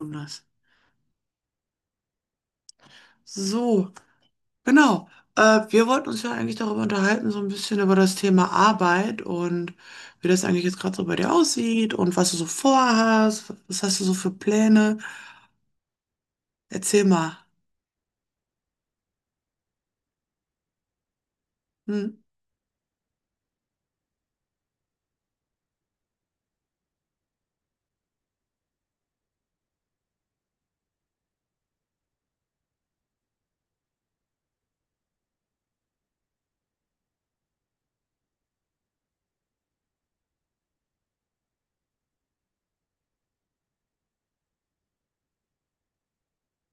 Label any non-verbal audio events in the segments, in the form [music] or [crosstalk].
Anders. So, genau. Wir wollten uns ja eigentlich darüber unterhalten, so ein bisschen über das Thema Arbeit und wie das eigentlich jetzt gerade so bei dir aussieht und was du so vorhast, was hast du so für Pläne. Erzähl mal. Hm.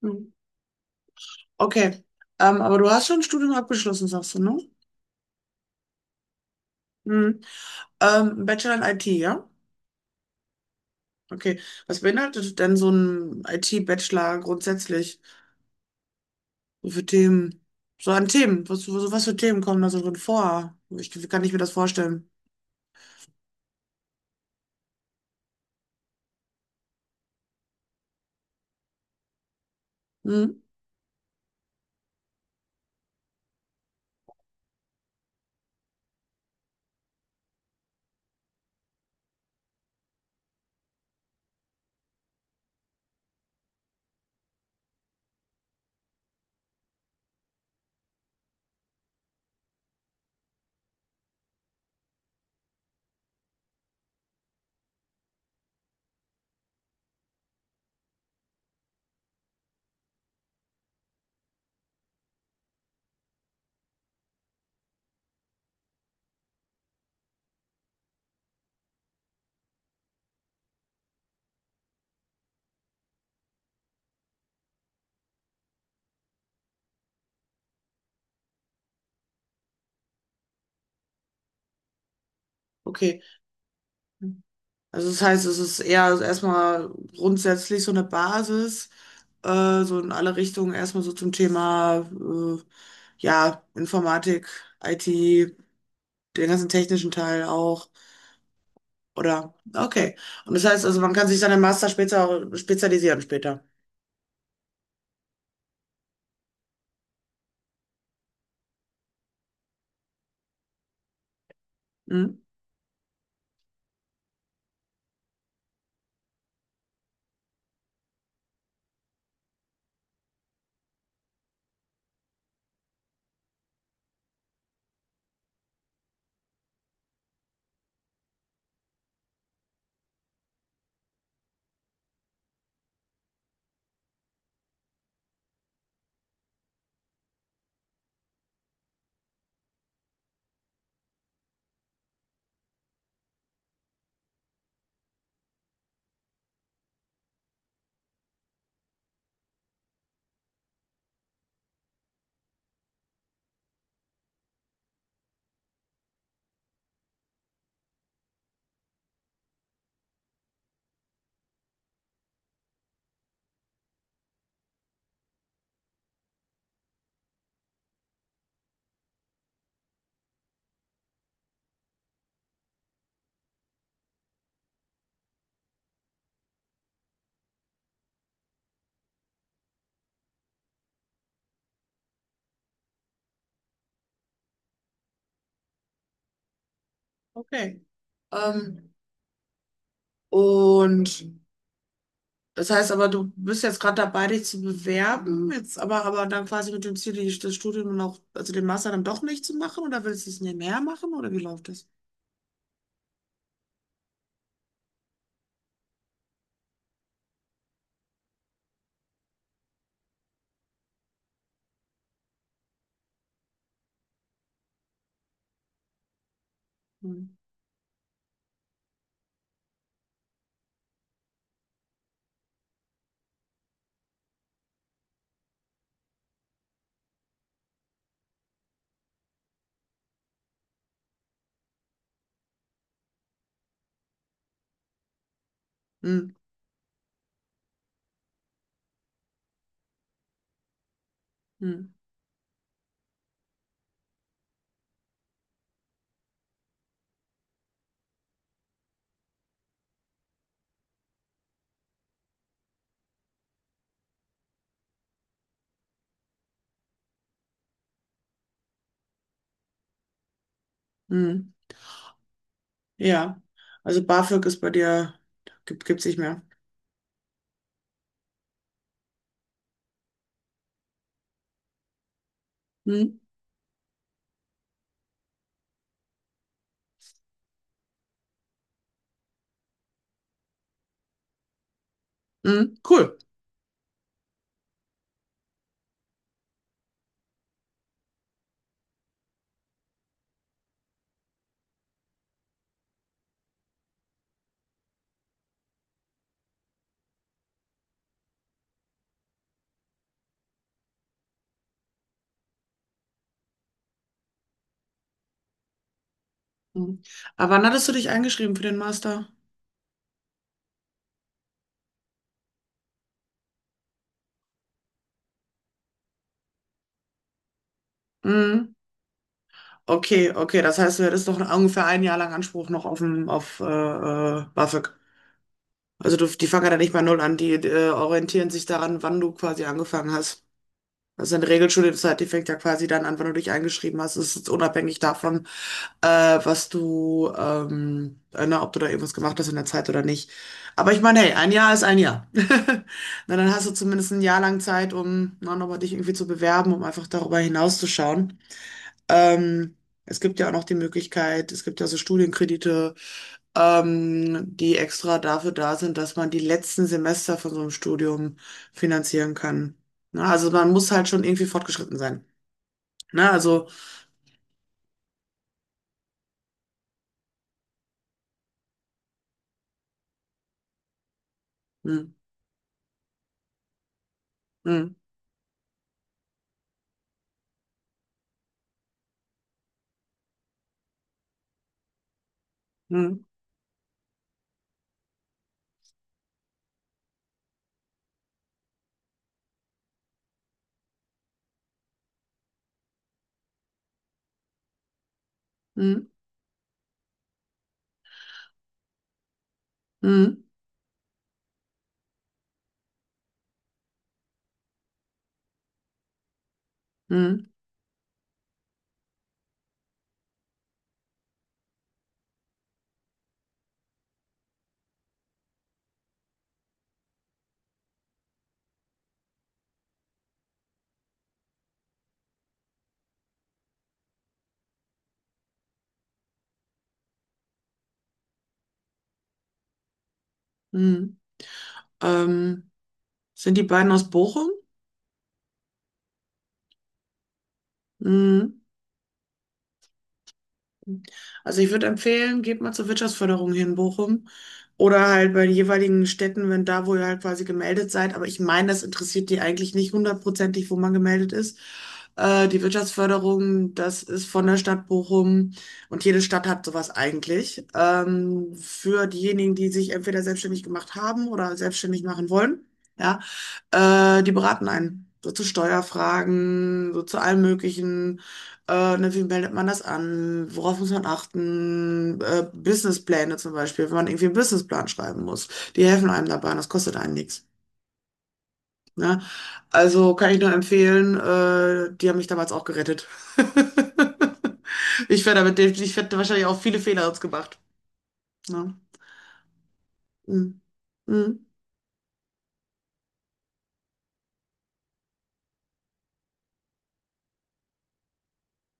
Hm. Okay. Aber du hast schon ein Studium abgeschlossen, sagst du, ne? Hm. Bachelor in IT, ja? Okay. Was beinhaltet denn so ein IT-Bachelor grundsätzlich? So für Themen, so an Themen. Was für Themen kommen da so drin vor? Wie kann ich mir das vorstellen? Hm, okay. Also das heißt, es ist eher so erstmal grundsätzlich so eine Basis, so in alle Richtungen erstmal so zum Thema ja, Informatik, IT, den ganzen technischen Teil auch. Oder okay. Und das heißt also, man kann sich dann im Master später spezialisieren später. Hm? Okay. Ähm, und Das heißt aber, du bist jetzt gerade dabei, dich zu bewerben, jetzt aber dann quasi mit dem Ziel, das Studium noch, also den Master dann doch nicht zu machen, oder willst du es nebenher machen oder wie läuft das? Hm. Hm. Hm. Hm. Ja, also BAföG ist bei dir, gibt's nicht mehr. Hm. Hm. Cool. Hm. Aber wann hattest du dich eingeschrieben für den Master? Hm. Okay, okay, das heißt, du hättest noch ungefähr ein Jahr lang Anspruch noch auf, auf BAföG. Also du, die fangen ja nicht bei null an, die orientieren sich daran, wann du quasi angefangen hast. Also eine Regelschule, die fängt ja quasi dann an, wann du dich eingeschrieben hast. Es ist unabhängig davon, äh, na, ob du da irgendwas gemacht hast in der Zeit oder nicht. Aber ich meine, hey, ein Jahr ist ein Jahr. [laughs] Na, dann hast du zumindest ein Jahr lang Zeit, um na, nochmal dich irgendwie zu bewerben, um einfach darüber hinauszuschauen. Ähm, Es gibt ja auch noch die Möglichkeit, es gibt ja so Studienkredite, die extra dafür da sind, dass man die letzten Semester von so einem Studium finanzieren kann. Ne? Also man muss halt schon irgendwie fortgeschritten sein. Ne? Also. Hm. Hm. Hm. Hm. Hm. Hm. Hm. Hm. Ähm, Sind die beiden aus Bochum? Hm. Also ich würde empfehlen, geht mal zur Wirtschaftsförderung hier in Bochum oder halt bei den jeweiligen Städten, wenn da, wo ihr halt quasi gemeldet seid. Aber ich meine, das interessiert die eigentlich nicht hundertprozentig, wo man gemeldet ist. Die Wirtschaftsförderung, das ist von der Stadt Bochum, und jede Stadt hat sowas eigentlich. Für diejenigen, die sich entweder selbstständig gemacht haben oder selbstständig machen wollen. Ja, die beraten einen. So zu Steuerfragen, so zu allem Möglichen. Ne, wie meldet man das an? Worauf muss man achten? Businesspläne zum Beispiel, wenn man irgendwie einen Businessplan schreiben muss. Die helfen einem dabei und das kostet einen nichts. Ne? Also kann ich nur empfehlen, die haben mich damals auch gerettet. [laughs] Ich hätte wahrscheinlich auch viele Fehler jetzt gemacht. Ne? Mm. Mm.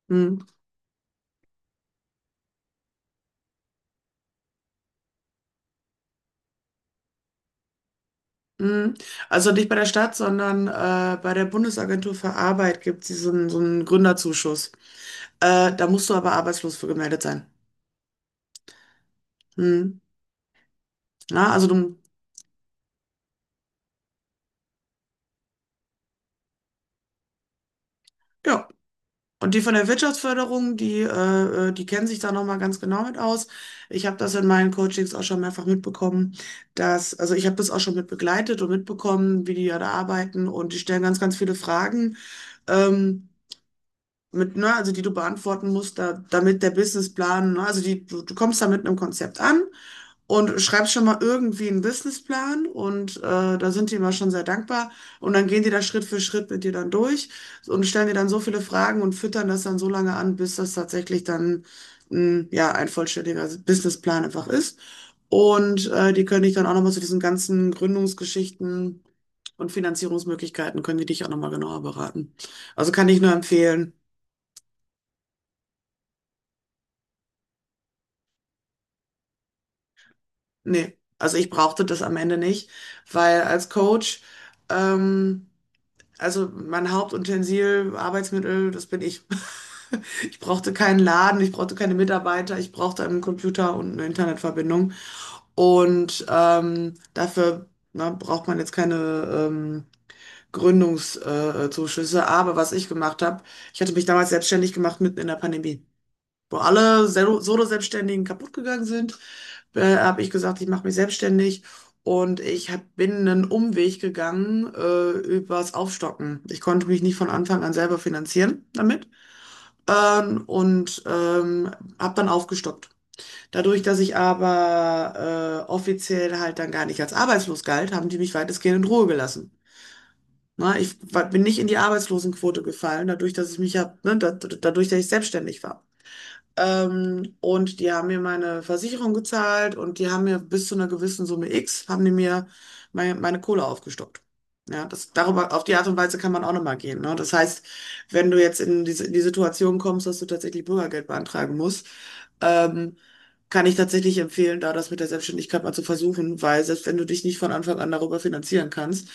Mm. Mm. Also nicht bei der Stadt, sondern bei der Bundesagentur für Arbeit gibt es so einen Gründerzuschuss. Da musst du aber arbeitslos für gemeldet sein. Mm. Ja, also du, ja. Und die von der Wirtschaftsförderung, die kennen sich da nochmal ganz genau mit aus. Ich habe das in meinen Coachings auch schon mehrfach mitbekommen, dass, also ich habe das auch schon mit begleitet und mitbekommen, wie die ja da arbeiten, und die stellen ganz, ganz viele Fragen, ähm, ne, also die du beantworten musst, da, damit der Businessplan, ne, also du kommst da mit einem Konzept an und schreibst schon mal irgendwie einen Businessplan, und da sind die immer schon sehr dankbar, und dann gehen die da Schritt für Schritt mit dir dann durch und stellen dir dann so viele Fragen und füttern das dann so lange an, bis das tatsächlich dann ja ein vollständiger Businessplan einfach ist. Und die können dich dann auch nochmal zu diesen ganzen Gründungsgeschichten und Finanzierungsmöglichkeiten, können die dich auch nochmal genauer beraten. Also kann ich nur empfehlen, nee, also ich brauchte das am Ende nicht, weil als Coach, ähm, Also mein Hauptutensil, Arbeitsmittel, das bin ich. [laughs] Ich brauchte keinen Laden, ich brauchte keine Mitarbeiter, ich brauchte einen Computer und eine Internetverbindung. Und dafür na, braucht man jetzt keine ähm, Gründungszuschüsse. Zuschüsse. Aber was ich gemacht habe, ich hatte mich damals selbstständig gemacht mitten in der Pandemie, wo alle Solo-Selbstständigen kaputt gegangen sind. Habe ich gesagt, ich mache mich selbstständig, und bin einen Umweg gegangen übers Aufstocken. Ich konnte mich nicht von Anfang an selber finanzieren damit, ähm, und ähm, habe dann aufgestockt. Dadurch, dass ich aber offiziell halt dann gar nicht als arbeitslos galt, haben die mich weitestgehend in Ruhe gelassen. Na, bin nicht in die Arbeitslosenquote gefallen, dadurch, dass ich selbstständig war. Und die haben mir meine Versicherung gezahlt, und die haben mir bis zu einer gewissen Summe X, haben die mir meine Kohle aufgestockt. Ja, darüber, auf die Art und Weise kann man auch nochmal gehen. Ne? Das heißt, wenn du jetzt in die Situation kommst, dass du tatsächlich Bürgergeld beantragen musst, ähm, kann ich tatsächlich empfehlen, da das mit der Selbstständigkeit mal zu versuchen, weil selbst wenn du dich nicht von Anfang an darüber finanzieren kannst,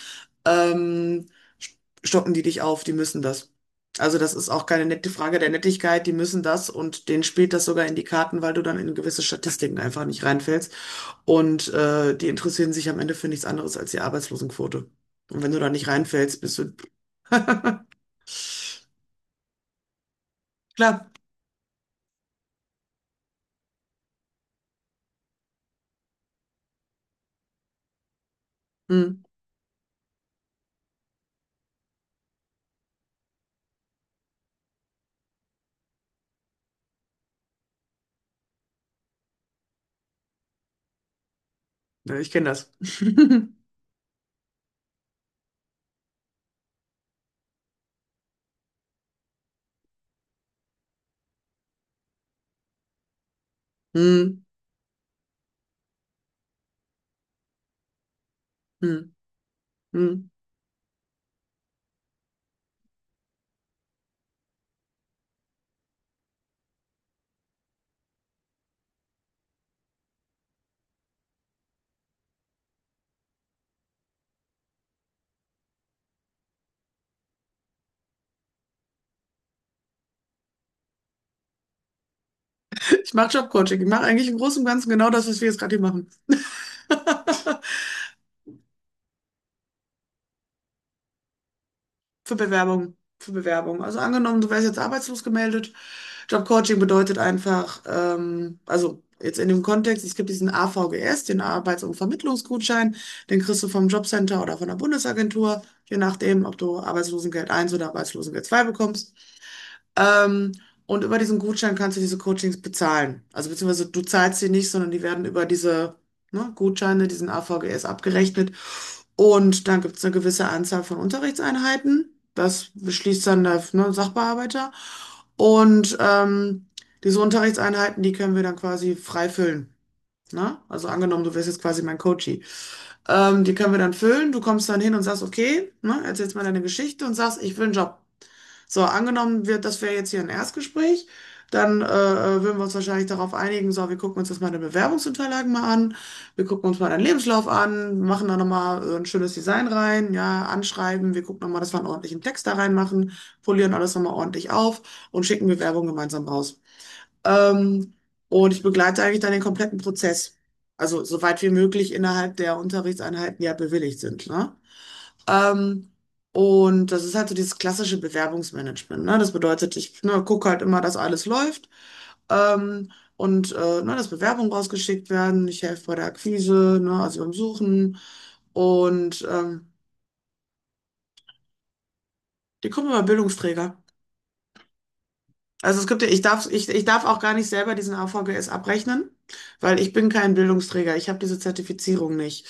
ähm, stocken die dich auf, die müssen das. Also das ist auch keine nette Frage der Nettigkeit, die müssen das, und denen spielt das sogar in die Karten, weil du dann in gewisse Statistiken einfach nicht reinfällst. Und die interessieren sich am Ende für nichts anderes als die Arbeitslosenquote. Und wenn du da nicht reinfällst, bist du, klar, hm, ja, ich kenne das. [laughs] Hm. Hm. Hm. Ich mache Jobcoaching, ich mache eigentlich im Großen und Ganzen genau das, was wir jetzt gerade hier machen. [laughs] Für Bewerbung, für Bewerbung. Also angenommen, du wärst jetzt arbeitslos gemeldet. Jobcoaching bedeutet einfach, also jetzt in dem Kontext, es gibt diesen AVGS, den Arbeits- und Vermittlungsgutschein, den kriegst du vom Jobcenter oder von der Bundesagentur, je nachdem, ob du Arbeitslosengeld eins oder Arbeitslosengeld 2 bekommst. Ähm, und über diesen Gutschein kannst du diese Coachings bezahlen. Also beziehungsweise du zahlst sie nicht, sondern die werden über diese, ne, Gutscheine, diesen AVGS abgerechnet. Und dann gibt es eine gewisse Anzahl von Unterrichtseinheiten. Das beschließt dann der, ne, Sachbearbeiter. Und diese Unterrichtseinheiten, die können wir dann quasi frei füllen. Ne? Also angenommen, du wirst jetzt quasi mein Coach. Die können wir dann füllen. Du kommst dann hin und sagst, okay, ne, erzählst mal deine Geschichte und sagst, ich will einen Job. So, angenommen wird, das wäre jetzt hier ein Erstgespräch, dann würden wir uns wahrscheinlich darauf einigen, so, wir gucken uns jetzt mal deine Bewerbungsunterlagen mal an, wir gucken uns mal deinen Lebenslauf an, machen da nochmal ein schönes Design rein, ja, anschreiben, wir gucken nochmal, dass wir einen ordentlichen Text da reinmachen, polieren alles nochmal ordentlich auf und schicken Bewerbung gemeinsam raus. Ähm, und ich begleite eigentlich dann den kompletten Prozess. Also soweit wie möglich innerhalb der Unterrichtseinheiten, die ja bewilligt sind, ne? Ähm, und das ist halt so dieses klassische Bewerbungsmanagement, ne? Das bedeutet, ich, ne, gucke halt immer, dass alles läuft. Ähm, ne, dass Bewerbungen rausgeschickt werden. Ich helfe bei der Akquise, ne, also beim Suchen. Und die kommen immer Bildungsträger. Also es gibt ja, ich darf auch gar nicht selber diesen AVGS abrechnen, weil ich bin kein Bildungsträger. Ich habe diese Zertifizierung nicht.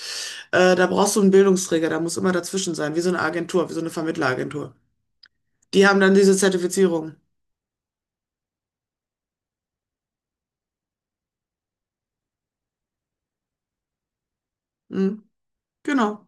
Da brauchst du einen Bildungsträger, da muss immer dazwischen sein, wie so eine Agentur, wie so eine Vermittleragentur. Die haben dann diese Zertifizierung. Hm? Genau.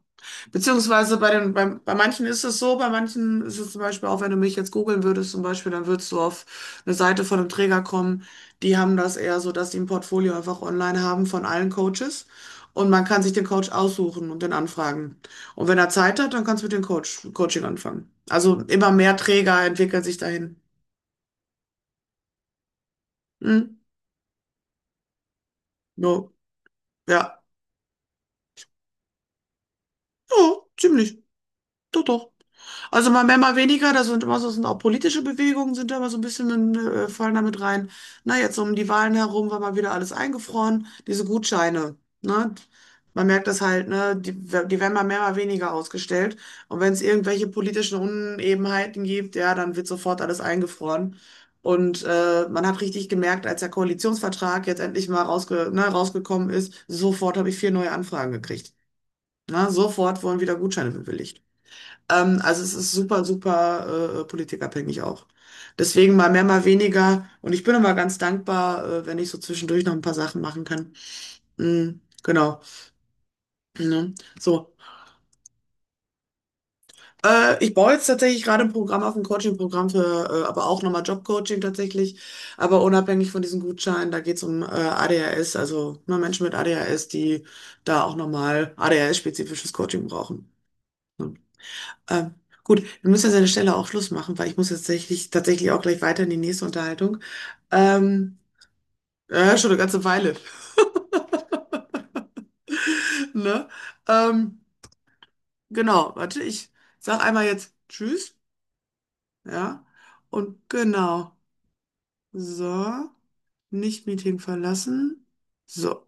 Beziehungsweise bei den, bei manchen ist es so, bei manchen ist es zum Beispiel auch, wenn du mich jetzt googeln würdest, zum Beispiel, dann würdest du auf eine Seite von einem Träger kommen. Die haben das eher so, dass die ein Portfolio einfach online haben von allen Coaches. Und man kann sich den Coach aussuchen und den anfragen. Und wenn er Zeit hat, dann kannst du mit dem Coach, Coaching anfangen. Also immer mehr Träger entwickeln sich dahin. Hm? Jo. Ja. Ja, ziemlich. Doch, doch. Also mal mehr, mal weniger, da sind immer so, sind auch politische Bewegungen sind da immer so ein bisschen, fallen damit rein. Na, jetzt um die Wahlen herum war mal wieder alles eingefroren, diese Gutscheine, ne? Man merkt das halt, ne? Die, die werden mal mehr, mal weniger ausgestellt. Und wenn es irgendwelche politischen Unebenheiten gibt, ja, dann wird sofort alles eingefroren. Und man hat richtig gemerkt, als der Koalitionsvertrag jetzt endlich mal rausgekommen ist, sofort habe ich vier neue Anfragen gekriegt. Na, sofort wurden wieder Gutscheine bewilligt. Also es ist super, super politikabhängig auch. Deswegen mal mehr, mal weniger. Und ich bin immer ganz dankbar, wenn ich so zwischendurch noch ein paar Sachen machen kann. Mm, genau. Ne? So. Ich baue jetzt tatsächlich gerade ein Programm auf, ein Coaching-Programm aber auch nochmal Job-Coaching tatsächlich. Aber unabhängig von diesen Gutscheinen, da geht es um ADHS, also ne, Menschen mit ADHS, die da auch nochmal ADHS-spezifisches Coaching brauchen. Ähm, gut, wir müssen jetzt an der Stelle auch Schluss machen, weil ich muss jetzt tatsächlich, tatsächlich auch gleich weiter in die nächste Unterhaltung. Ähm, ja, schon eine ganze Weile. [laughs] Ne? Ähm, genau, warte, ich sag einmal jetzt Tschüss, ja. Und genau. So, nicht Meeting verlassen. So.